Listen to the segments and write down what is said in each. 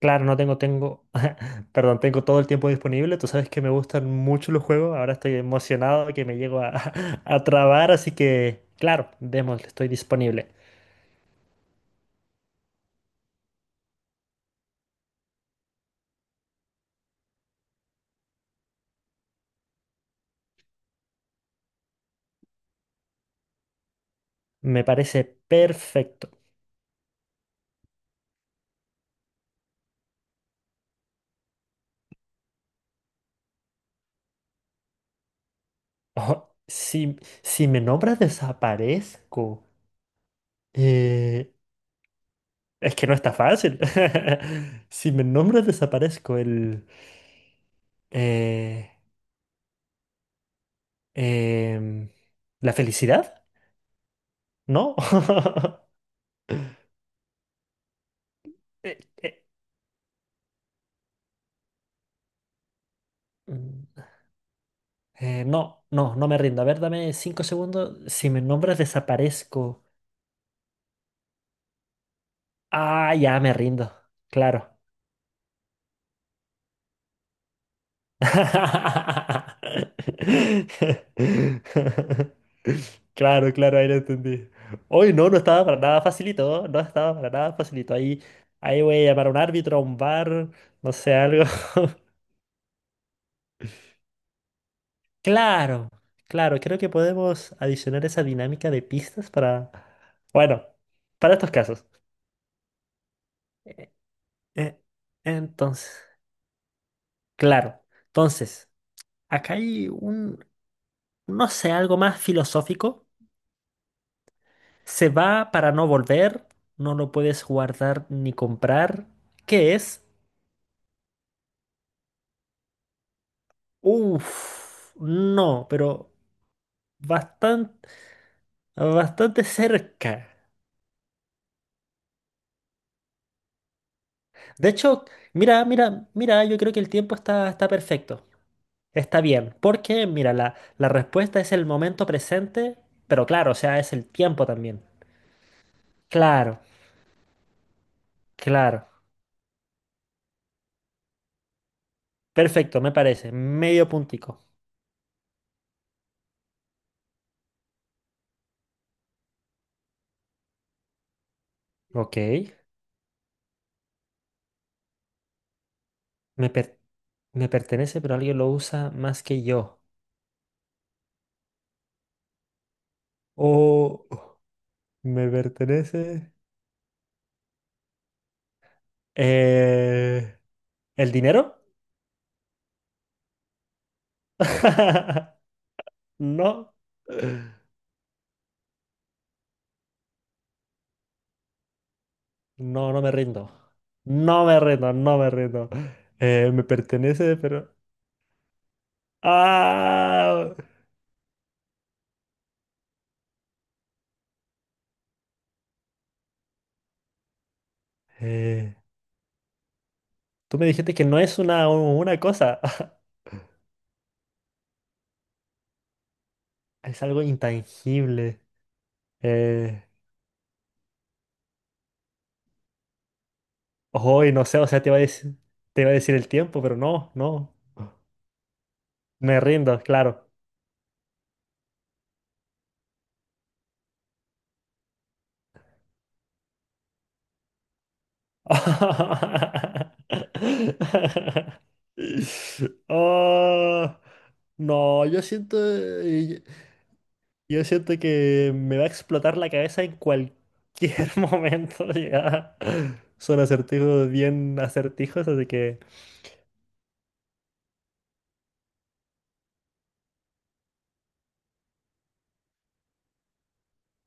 Claro, no tengo, tengo, perdón, tengo todo el tiempo disponible. Tú sabes que me gustan mucho los juegos. Ahora estoy emocionado de que me llego a trabar, así que, claro, démosle, estoy disponible. Me parece perfecto. Ojo, si me nombras desaparezco, eh, es que no está fácil. Si me nombras desaparezco, eh, em, la felicidad, ¿no? Eh, eh, mm. No, no, no me rindo. A ver, dame 5 segundos. Si me nombras, desaparezco. Ah, ya me rindo. Claro. Claro, claro, ahí lo entendí. Hoy no, no estaba para nada facilito. ¿Eh? No estaba para nada facilito. Ahí voy a llamar a un árbitro, a un bar, no sé, algo. Claro, claro, creo que podemos adicionar esa dinámica de pistas para, bueno, para estos casos. Eh, Entonces. Claro. Entonces, acá hay un, no sé, algo más filosófico. Se va para no volver, no lo puedes guardar ni comprar. ¿Qué es? Uf, no, pero bastante, bastante cerca. De hecho, mira, mira, mira, yo creo que el tiempo está perfecto. Está bien, porque mira, la respuesta es el momento presente, pero claro, o sea, es el tiempo también. Claro, claro. Perfecto, me parece. Medio puntico. Ok, me, per- me pertenece, pero alguien lo usa más que yo. O me pertenece. eh, ¿El dinero? No, no me rindo. No me rindo, no me rindo. Me pertenece, pero. ¡Ah! Eh, tú me dijiste que no es una cosa, es algo intangible. Eh, hoy no sé, o sea, te iba a decir el tiempo, pero no, no. Me rindo, claro. Ah, no, y- yo siento que me va a explotar la cabeza en cualquier momento. Ya. Son acertijos bien acertijos, así que,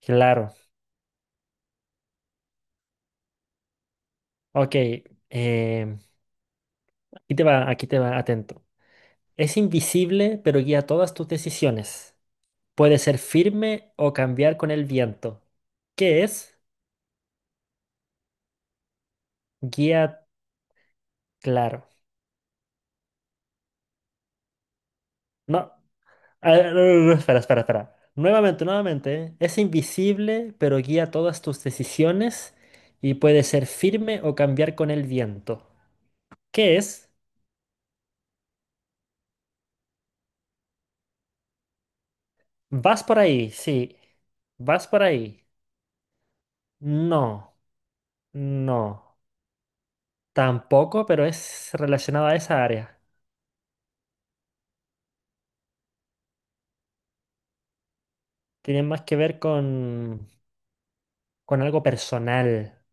claro. Ok, em, aquí te va, atento. Es invisible, pero guía todas tus decisiones. Puede ser firme o cambiar con el viento. ¿Qué es? Guía claro. No. A ver, no, no, no, espera, espera, espera. Nuevamente, nuevamente. Es invisible, pero guía todas tus decisiones y puede ser firme o cambiar con el viento. ¿Qué es? Vas por ahí, sí. Vas por ahí. No, no. Tampoco, pero es relacionado a esa área. Tiene más que ver con algo personal.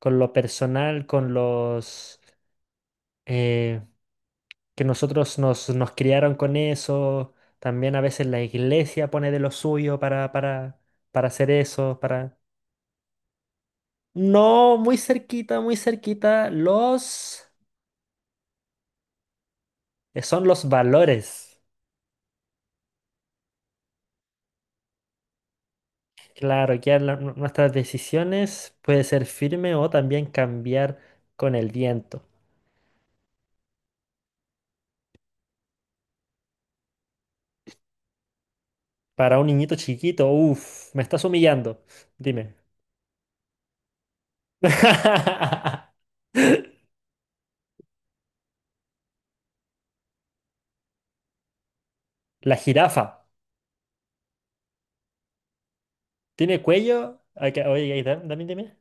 Con lo personal, eh, que nosotros nos criaron con eso. También a veces la iglesia pone de lo suyo para hacer eso, para... No, muy cerquita, muy cerquita. Son los valores. Claro, que nuestras decisiones puede ser firme o también cambiar con el viento. Para un niñito chiquito, uff, me estás humillando. Dime. La jirafa. ¿Tiene cuello? Oye, también dime.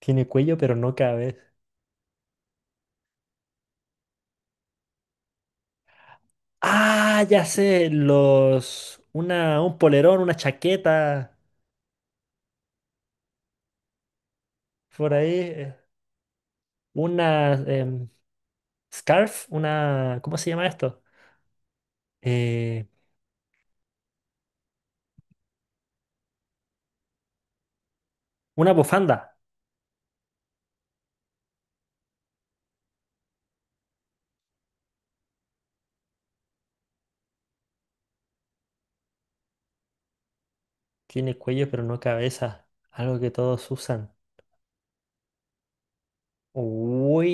Tiene cuello, pero no cabe. Ah, ya sé, los... un polerón, una chaqueta, por ahí, una scarf, una... ¿Cómo se llama esto? Eh, una bufanda. Tiene cuello, pero no cabeza. Algo que todos usan. Uy,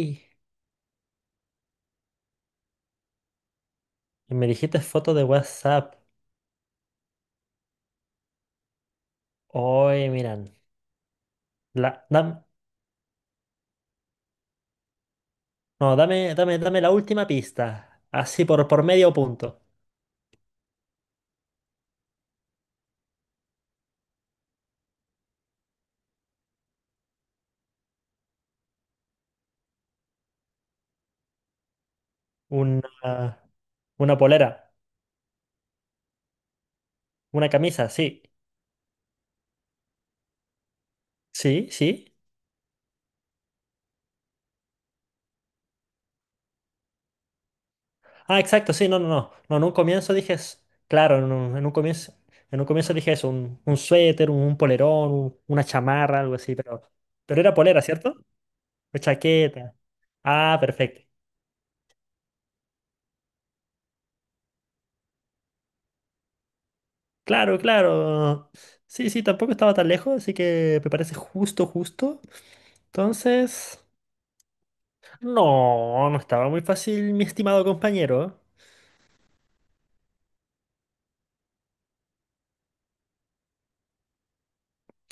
y me dijiste foto de WhatsApp. Oye, miran. La, dam- no, dame, dame, dame la última pista. Así por medio punto. Una, una polera, una camisa, sí. Sí, sí. Ah, exacto, sí, no, no, no. No, en un comienzo dije, s- claro, en un comienzo dije eso, un suéter, una chamarra, algo así, pero era polera, ¿cierto? O chaqueta. Ah, perfecto. Claro, claro. Sí, sí, tampoco estaba tan lejos, así que me parece justo, justo. Entonces, no, no estaba muy fácil, mi estimado compañero.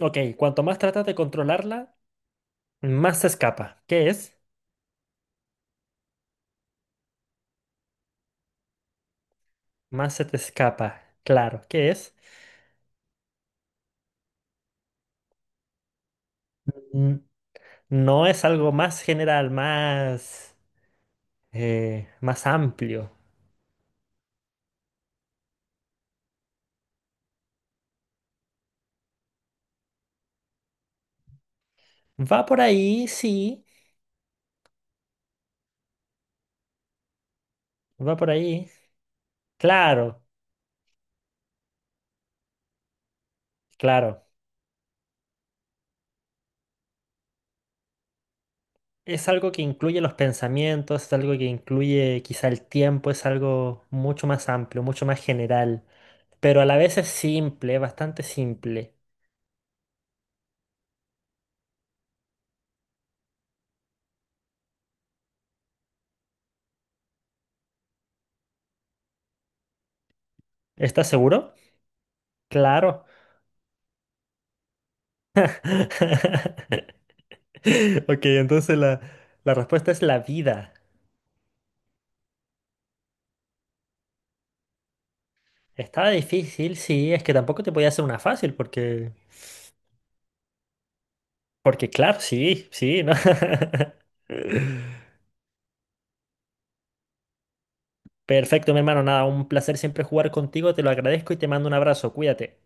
Ok, cuanto más tratas de controlarla, más se escapa. ¿Qué es? Más se te escapa. Claro, ¿qué es? N- No es algo más general, más amplio. Va por ahí, sí, va por ahí. Claro, claro. Es algo que incluye los pensamientos, es algo que incluye quizá el tiempo, es algo mucho más amplio, mucho más general, pero a la vez es simple, bastante simple. ¿Estás seguro? Claro. Ok, entonces la respuesta es la vida. Estaba difícil, sí, es que tampoco te podía hacer una fácil porque porque claro, sí, sí, ¿no? Perfecto, mi hermano, nada, un placer siempre jugar contigo, te lo agradezco y te mando un abrazo, cuídate.